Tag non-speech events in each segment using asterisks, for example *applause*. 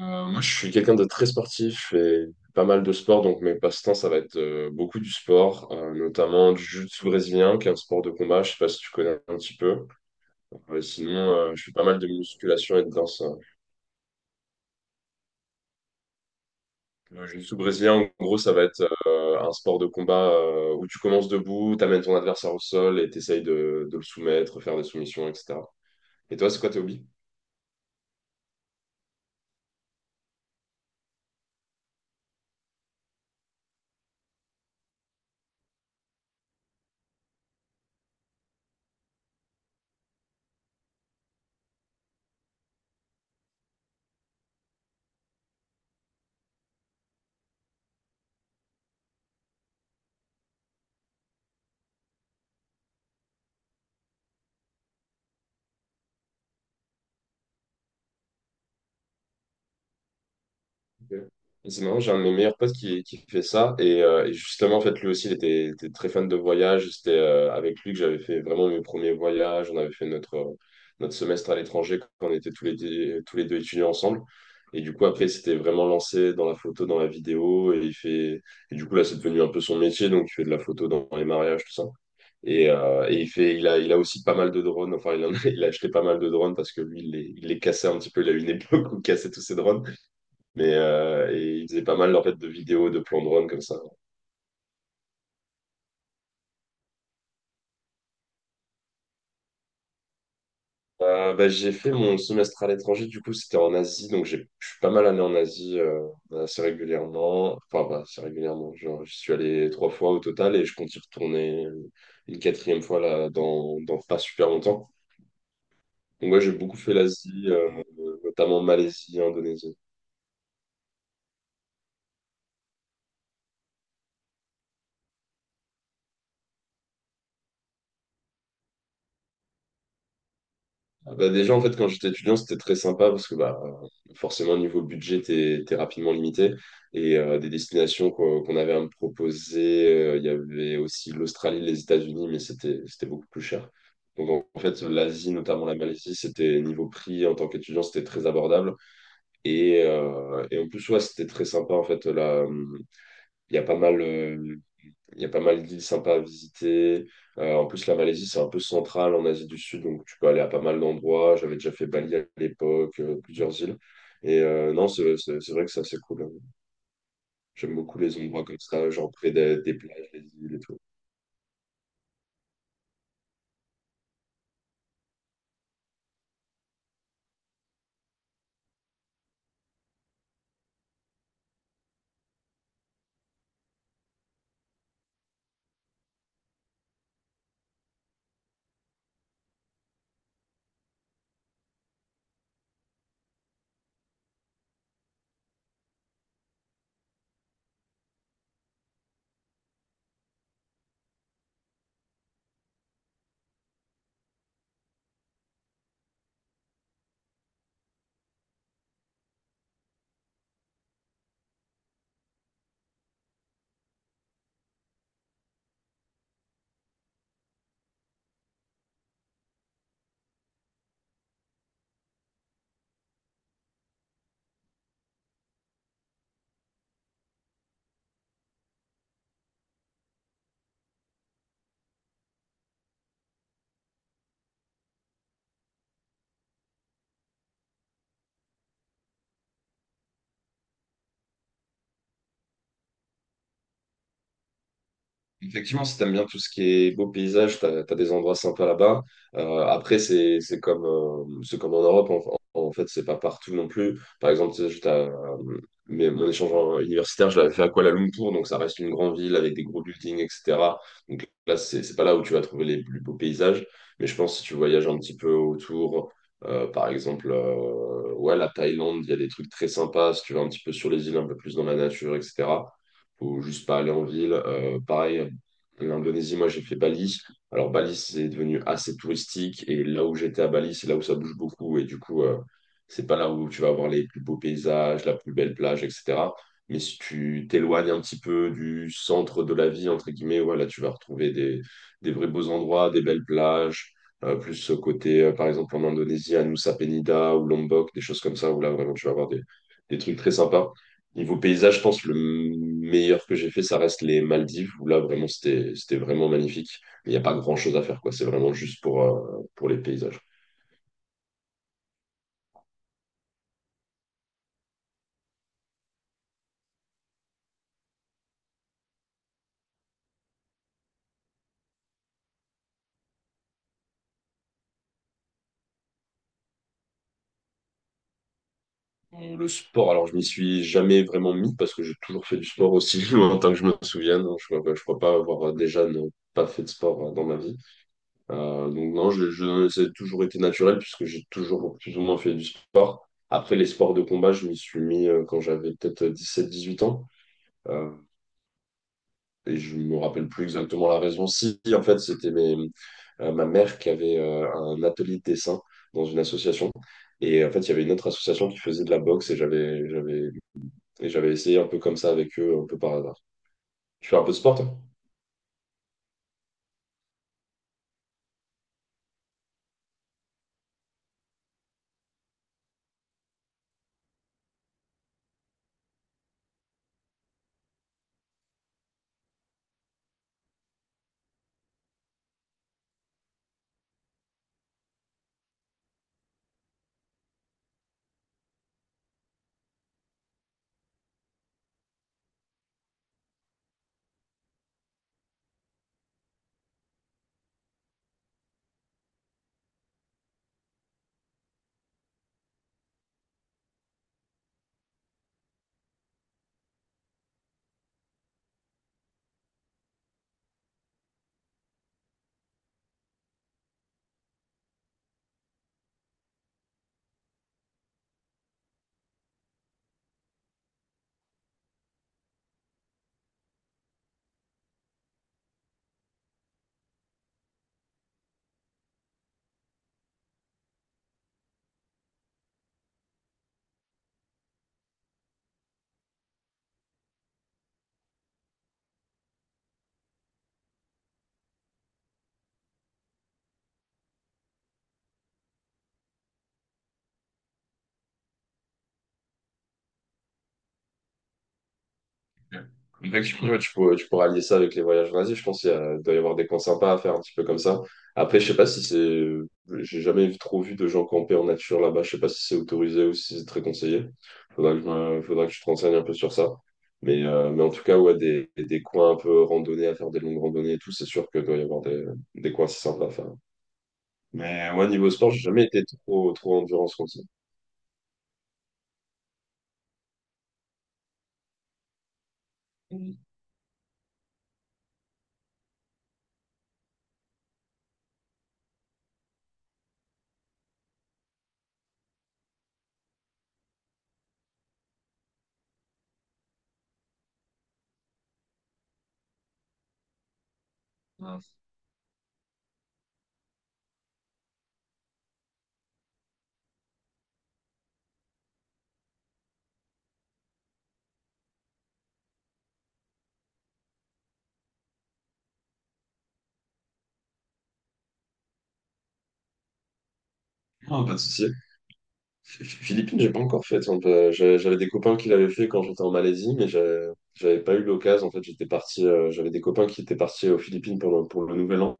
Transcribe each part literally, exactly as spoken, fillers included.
Euh, moi, je suis quelqu'un de très sportif et pas mal de sport, donc mes passe-temps, ça va être euh, beaucoup du sport, euh, notamment du jiu-jitsu brésilien, qui est un sport de combat, je sais pas si tu connais un petit peu. Euh, sinon, euh, je fais pas mal de musculation et de danse. Le jiu-jitsu brésilien, en gros, ça va être euh, un sport de combat euh, où tu commences debout, tu amènes ton adversaire au sol et tu essayes de, de le soumettre, faire des soumissions, et cetera. Et toi, c'est quoi tes hobbies? Ok. Et c'est marrant, j'ai un de mes meilleurs potes qui, qui fait ça. Et, euh, et justement, en fait, lui aussi, il était, était très fan de voyage. C'était euh, avec lui que j'avais fait vraiment mes premiers voyages. On avait fait notre, euh, notre semestre à l'étranger quand on était tous les, deux- tous les deux étudiants ensemble. Et du coup, après, il s'était vraiment lancé dans la photo, dans la vidéo. Et, il fait... et du coup, là, c'est devenu un peu son métier. Donc, il fait de la photo dans les mariages, tout ça. Et, euh, et il fait, il a, il a aussi pas mal de drones. Enfin, il, en a, *laughs* il a acheté pas mal de drones parce que lui, il les, il les cassait un petit peu. Il a eu une époque où il cassait tous ses drones. Mais euh, et ils faisaient pas mal en fait de vidéos, de plans de run comme ça. Euh, bah, j'ai fait mon semestre à l'étranger, du coup c'était en Asie, donc j'ai, je suis pas mal allé en Asie euh, assez régulièrement. Enfin, pas assez régulièrement, genre je suis allé trois fois au total et je compte y retourner une quatrième fois là dans, dans pas super longtemps. Donc ouais, j'ai beaucoup fait l'Asie, euh, notamment Malaisie, Indonésie. Ah bah déjà, en fait, quand j'étais étudiant, c'était très sympa parce que bah, euh, forcément, niveau budget, t'es, t'es rapidement limité. Et euh, des destinations qu'on qu'on avait à me proposer, euh, il y avait aussi l'Australie, les États-Unis, mais c'était, c'était beaucoup plus cher. Donc, en, en fait, l'Asie, notamment la Malaisie, c'était niveau prix en tant qu'étudiant, c'était très abordable. Et, euh, et en plus, ouais, c'était très sympa. En fait, là, hum, il y a pas mal. euh, il y a pas mal d'îles sympas à visiter. Euh, en plus, la Malaisie, c'est un peu central en Asie du Sud, donc tu peux aller à pas mal d'endroits. J'avais déjà fait Bali à l'époque, euh, plusieurs îles. Et euh, non, c'est c'est- c'est vrai que ça, c'est cool. J'aime beaucoup les endroits comme ça, genre près des, des plages, des îles et tout. Effectivement, si t'aimes bien tout ce qui est beau paysage, t'as, t'as des endroits sympas là-bas. Euh, après, c'est, c'est comme, euh, c'est comme en Europe, en, en- fait, c'est pas partout non plus. Par exemple, tu sais, j'étais à- euh, mais mon échange en- universitaire, je l'avais fait à Kuala Lumpur, donc ça reste une grande ville avec des gros buildings, et cetera. Donc là, c'est c'est pas là où tu vas trouver les plus beaux paysages, mais je pense que si tu voyages un petit peu autour, euh, par exemple, euh, ouais, la Thaïlande, il y a des trucs très sympas, si tu vas un petit peu sur les îles, un peu plus dans la nature, etc. Faut juste pas aller en ville. Euh, pareil, l'Indonésie, moi, j'ai fait Bali. Alors, Bali, c'est devenu assez touristique. Et là où j'étais à Bali, c'est là où ça bouge beaucoup. Et du coup, euh, c'est pas là où tu vas avoir les plus beaux paysages, la plus belle plage, et cetera. Mais si tu t'éloignes un petit peu du centre de la vie, entre guillemets, voilà, tu vas retrouver des, des vrais beaux endroits, des belles plages. Euh, plus ce côté, euh, par exemple, en Indonésie, à Nusa Penida ou Lombok, des choses comme ça, où là, vraiment, tu vas avoir des, des trucs très sympas. Niveau paysage, je pense le meilleur que j'ai fait, ça reste les Maldives, où là, vraiment, c'était, c'était vraiment magnifique. Mais il n'y a pas grand-chose à faire, quoi. C'est vraiment juste pour, euh, pour les paysages. Le sport, alors, je m'y suis jamais vraiment mis parce que j'ai toujours fait du sport aussi *laughs* longtemps que je me souvienne. Je ne crois, je crois pas avoir déjà ne pas fait de sport euh, dans ma vie. Euh, donc, non, je, je, ça a toujours été naturel puisque j'ai toujours plus ou moins fait du sport. Après, les sports de combat, je m'y suis mis euh, quand j'avais peut-être dix-sept, dix-huit ans. Euh, et je me rappelle plus exactement la raison. Si, en fait, c'était mes, euh, ma mère qui avait euh, un atelier de dessin dans une association. Et en fait, il y avait une autre association qui faisait de la boxe et j'avais, j'avais, et j'avais essayé un peu comme ça avec eux, un peu par hasard. Tu fais un peu de sport, toi? Effectivement, ouais, tu pourras, tu pourras lier ça avec les voyages en Asie. Je pense qu'il y a- il doit y avoir des coins sympas à faire un petit peu comme ça. Après, je sais pas si c'est. J'ai jamais trop vu de gens camper en nature là-bas. Je sais pas si c'est autorisé ou si c'est très conseillé. Faudra que je me- faudra que je te renseigne un peu sur ça. Mais, euh, mais en tout cas, ouais, des, des coins un peu randonnés à faire des longues randonnées et tout, c'est sûr que doit y avoir des, des coins assez sympas à faire. Mais ouais, niveau sport, j'ai jamais été trop, trop endurance comme ça. Non, pas de souci. Philippines, j'ai pas encore fait. Tiens, bah, j'a- j'avais des copains qui l'avaient fait quand j'étais en Malaisie, mais j'avais j'avais pas eu l'occasion. En fait, j'étais parti. Euh, j'avais des copains qui étaient partis aux Philippines pour le, pour le Nouvel An.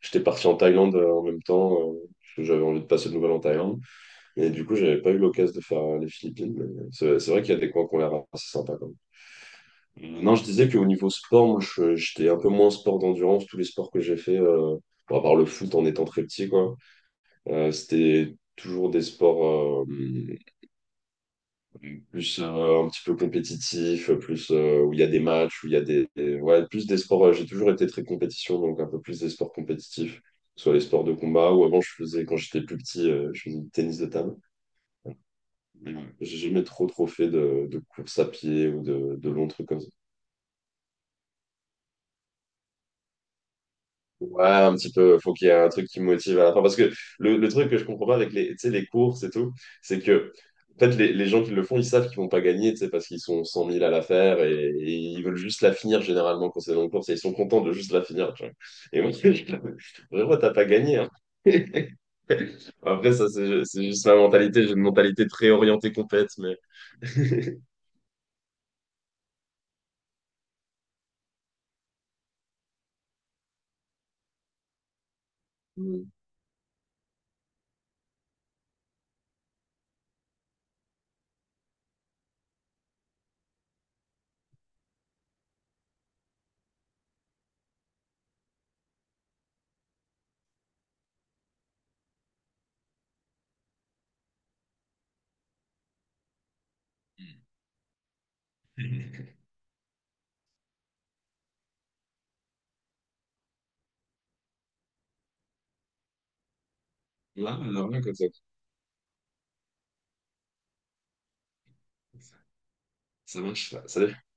J'étais parti en Thaïlande euh, en même temps, euh, parce que j'avais envie de passer le Nouvel An en Thaïlande. Et du coup, j'avais pas eu l'occasion de faire euh, les Philippines. Mais C'est c'est vrai qu'il y a des coins qui ont l'air assez sympas quand même. Non, je disais qu'au niveau sport, moi, je- j'étais un peu moins sport d'endurance. Tous les sports que j'ai fait, euh, bon, à part le foot en étant très petit, quoi. Euh, c'était toujours des sports, euh, plus euh, un petit peu compétitif, plus euh, où il y a des matchs, où il y a des, des- ouais, plus des sports. Euh, j'ai toujours été très compétition, donc un peu plus des sports compétitifs, soit les sports de combat, ou avant je faisais, quand j'étais plus petit, euh, je faisais du tennis de table. Mais, euh, j'ai jamais trop trop fait de, de course à pied ou de, de longs trucs comme ça. Ouais, un petit peu, faut qu'il y ait un truc qui me motive à la fin. Parce que le, le truc que je comprends pas avec les, tu sais, les courses et tout, c'est que en fait, les, les gens qui le font, ils savent qu'ils vont pas gagner, tu sais, parce qu'ils sont cent mille à la faire et, et ils veulent juste la finir généralement quand c'est dans une course et ils sont contents de juste la finir. Tu vois. Et moi, *laughs* je vraiment, t'as pas gagné. Hein. *laughs* Après, ça, c'est c'est juste ma mentalité. J'ai une mentalité très orientée compète, mais *laughs* Mm. ça, ça marche. Ça